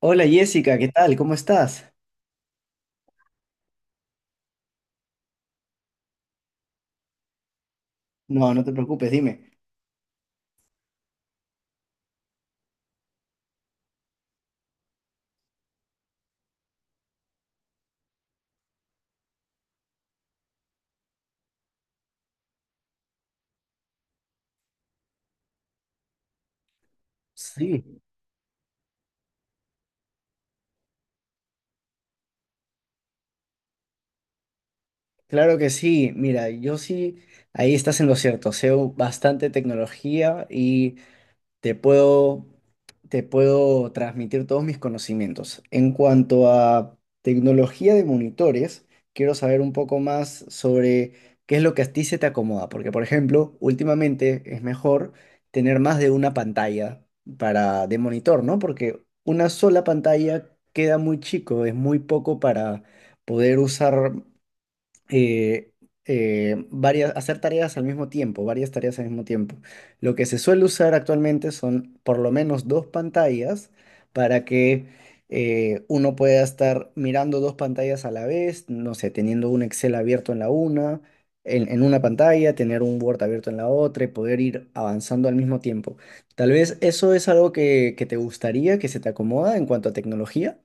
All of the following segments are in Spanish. Hola Jessica, ¿qué tal? ¿Cómo estás? No, no te preocupes, dime. Sí, claro que sí. Mira, yo sí, ahí estás en lo cierto. Sé bastante tecnología y Te puedo, te puedo transmitir todos mis conocimientos. En cuanto a tecnología de monitores, quiero saber un poco más sobre qué es lo que a ti se te acomoda, porque por ejemplo, últimamente es mejor tener más de una pantalla para de monitor, ¿no? Porque una sola pantalla queda muy chico, es muy poco para poder usar eh, varias, hacer tareas al mismo tiempo, varias tareas al mismo tiempo. Lo que se suele usar actualmente son por lo menos dos pantallas para que uno pueda estar mirando dos pantallas a la vez, no sé, teniendo un Excel abierto en la una, en una pantalla, tener un Word abierto en la otra y poder ir avanzando al mismo tiempo. Tal vez eso es algo que te gustaría, que se te acomoda en cuanto a tecnología.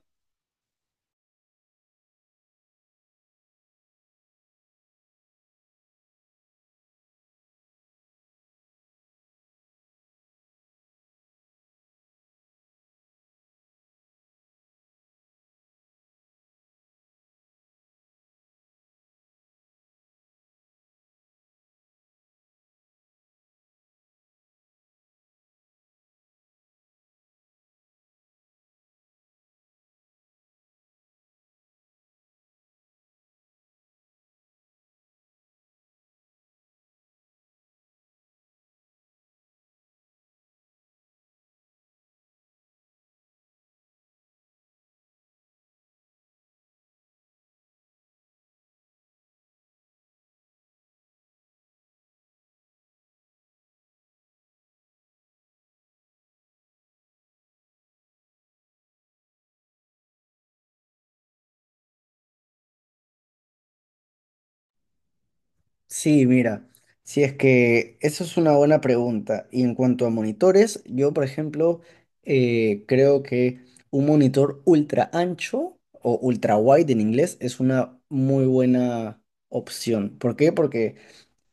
Sí, mira, si es que eso es una buena pregunta. Y en cuanto a monitores, yo, por ejemplo, creo que un monitor ultra ancho o ultra wide en inglés es una muy buena opción. ¿Por qué? Porque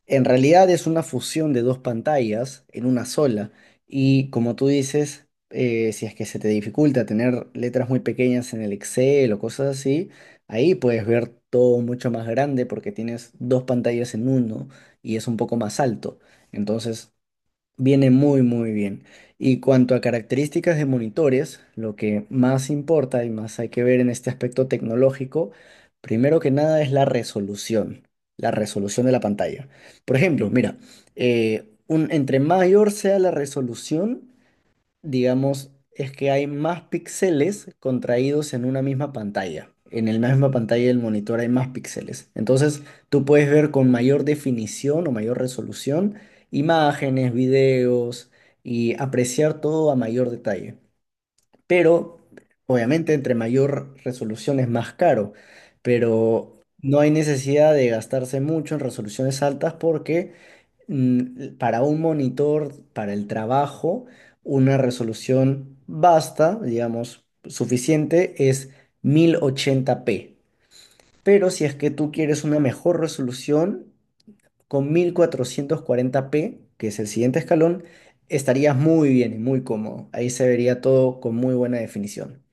en realidad es una fusión de dos pantallas en una sola y, como tú dices, si es que se te dificulta tener letras muy pequeñas en el Excel o cosas así, ahí puedes ver todo mucho más grande porque tienes dos pantallas en uno y es un poco más alto. Entonces, viene muy muy bien. Y cuanto a características de monitores, lo que más importa y más hay que ver en este aspecto tecnológico, primero que nada es la resolución de la pantalla. Por ejemplo, mira, entre mayor sea la resolución, digamos, es que hay más píxeles contraídos en una misma pantalla. En la misma pantalla del monitor hay más píxeles. Entonces, tú puedes ver con mayor definición o mayor resolución imágenes, videos y apreciar todo a mayor detalle. Pero, obviamente, entre mayor resolución es más caro, pero no hay necesidad de gastarse mucho en resoluciones altas porque para un monitor, para el trabajo, una resolución basta, digamos, suficiente es 1080p. Pero si es que tú quieres una mejor resolución, con 1440p, que es el siguiente escalón, estarías muy bien y muy cómodo. Ahí se vería todo con muy buena definición.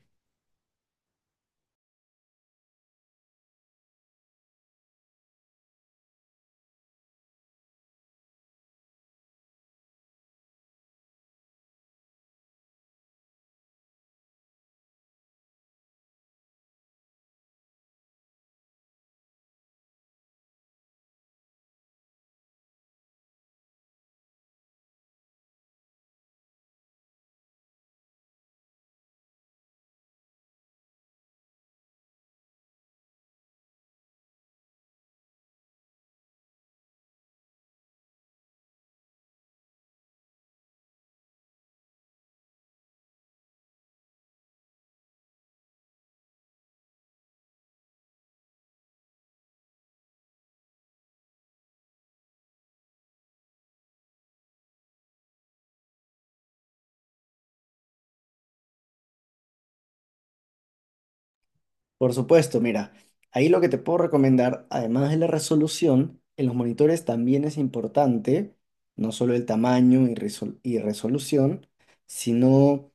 Por supuesto, mira, ahí lo que te puedo recomendar, además de la resolución, en los monitores también es importante, no solo el tamaño y, resolución, sino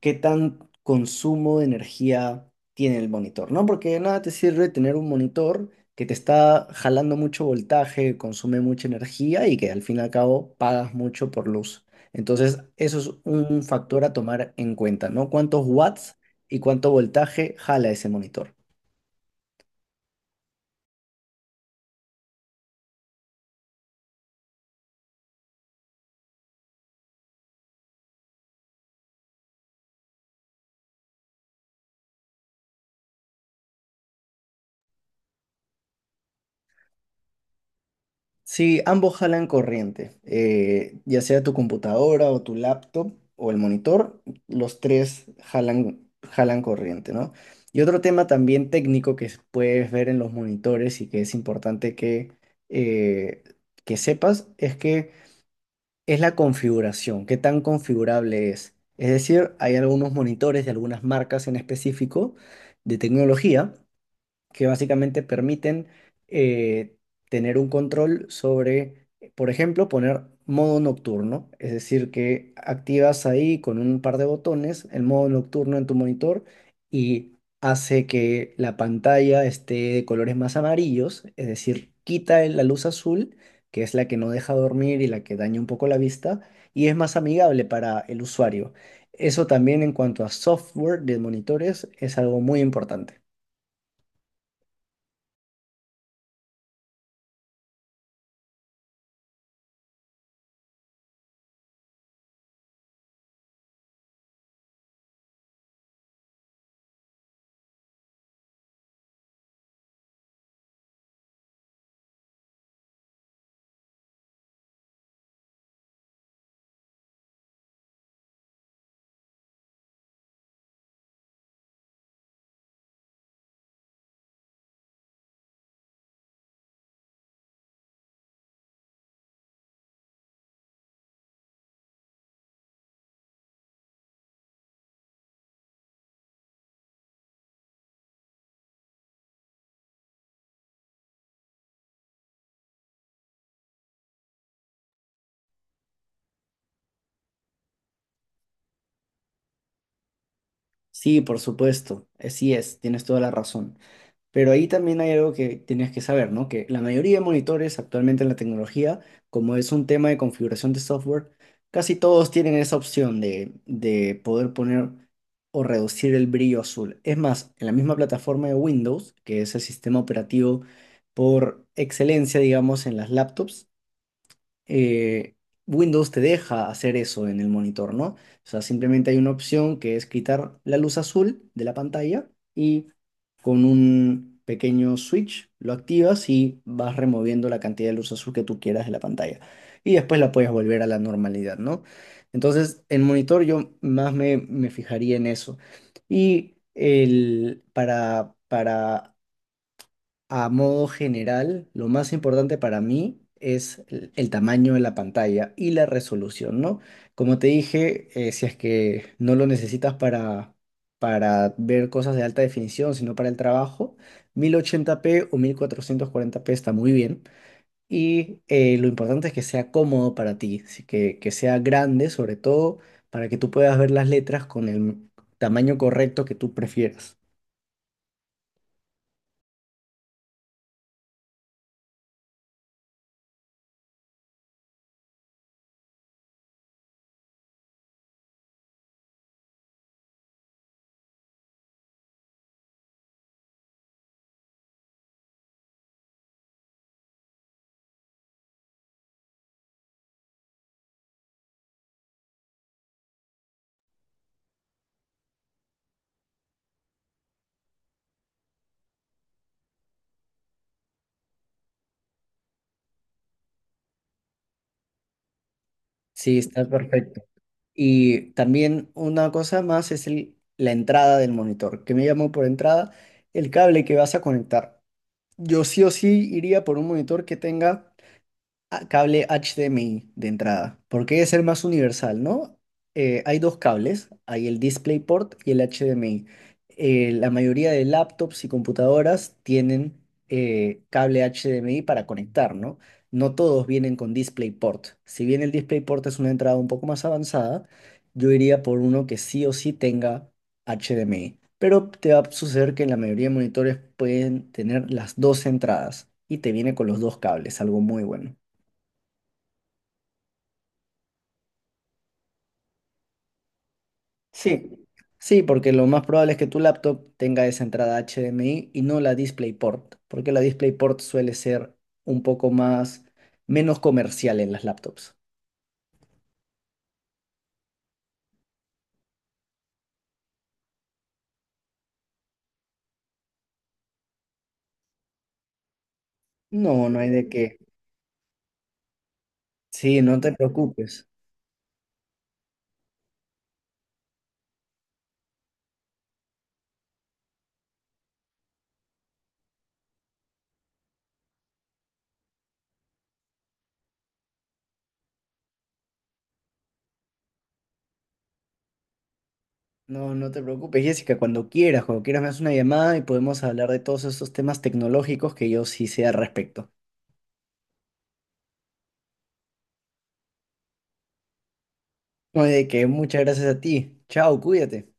qué tan consumo de energía tiene el monitor, ¿no? Porque de nada te sirve tener un monitor que te está jalando mucho voltaje, consume mucha energía y que al fin y al cabo pagas mucho por luz. Entonces, eso es un factor a tomar en cuenta, ¿no? ¿Cuántos watts? Y cuánto voltaje jala ese monitor. Si ambos jalan corriente, ya sea tu computadora o tu laptop o el monitor, los tres jalan corriente, ¿no? Y otro tema también técnico que puedes ver en los monitores y que es importante eh, que sepas es que es la configuración, qué tan configurable es. Es decir, hay algunos monitores de algunas marcas en específico de tecnología que básicamente permiten eh, tener un control sobre, por ejemplo, poner modo nocturno, es decir, que activas ahí con un par de botones el modo nocturno en tu monitor y hace que la pantalla esté de colores más amarillos, es decir, quita la luz azul, que es la que no deja dormir y la que daña un poco la vista, y es más amigable para el usuario. Eso también en cuanto a software de monitores es algo muy importante. Sí, por supuesto, sí es, tienes toda la razón. Pero ahí también hay algo que tenías que saber, ¿no? Que la mayoría de monitores actualmente en la tecnología, como es un tema de configuración de software, casi todos tienen esa opción de poder poner o reducir el brillo azul. Es más, en la misma plataforma de Windows, que es el sistema operativo por excelencia, digamos, en las laptops, eh, Windows te deja hacer eso en el monitor, ¿no? O sea, simplemente hay una opción que es quitar la luz azul de la pantalla y con un pequeño switch lo activas y vas removiendo la cantidad de luz azul que tú quieras de la pantalla. Y después la puedes volver a la normalidad, ¿no? Entonces, en monitor yo más me fijaría en eso. Y el, para a modo general, lo más importante para mí es el tamaño de la pantalla y la resolución, ¿no? Como te dije, si es que no lo necesitas para ver cosas de alta definición, sino para el trabajo, 1080p o 1440p está muy bien. Y lo importante es que sea cómodo para ti, así que sea grande sobre todo para que tú puedas ver las letras con el tamaño correcto que tú prefieras. Sí, está perfecto. Y también una cosa más es la entrada del monitor. ¿Que me llamo por entrada? El cable que vas a conectar. Yo sí o sí iría por un monitor que tenga cable HDMI de entrada, porque es el más universal, ¿no? Hay dos cables, hay el DisplayPort y el HDMI. La mayoría de laptops y computadoras tienen cable HDMI para conectar, ¿no? No todos vienen con DisplayPort. Si bien el DisplayPort es una entrada un poco más avanzada, yo iría por uno que sí o sí tenga HDMI. Pero te va a suceder que la mayoría de monitores pueden tener las dos entradas y te viene con los dos cables, algo muy bueno. Sí, sí, porque lo más probable es que tu laptop tenga esa entrada HDMI y no la DisplayPort, porque la DisplayPort suele ser un poco más, menos comercial en las laptops. No, no hay de qué. Sí, no te preocupes. No, no te preocupes, Jessica, cuando quieras me haces una llamada y podemos hablar de todos esos temas tecnológicos que yo sí sé al respecto. No hay de qué, muchas gracias a ti. Chao, cuídate.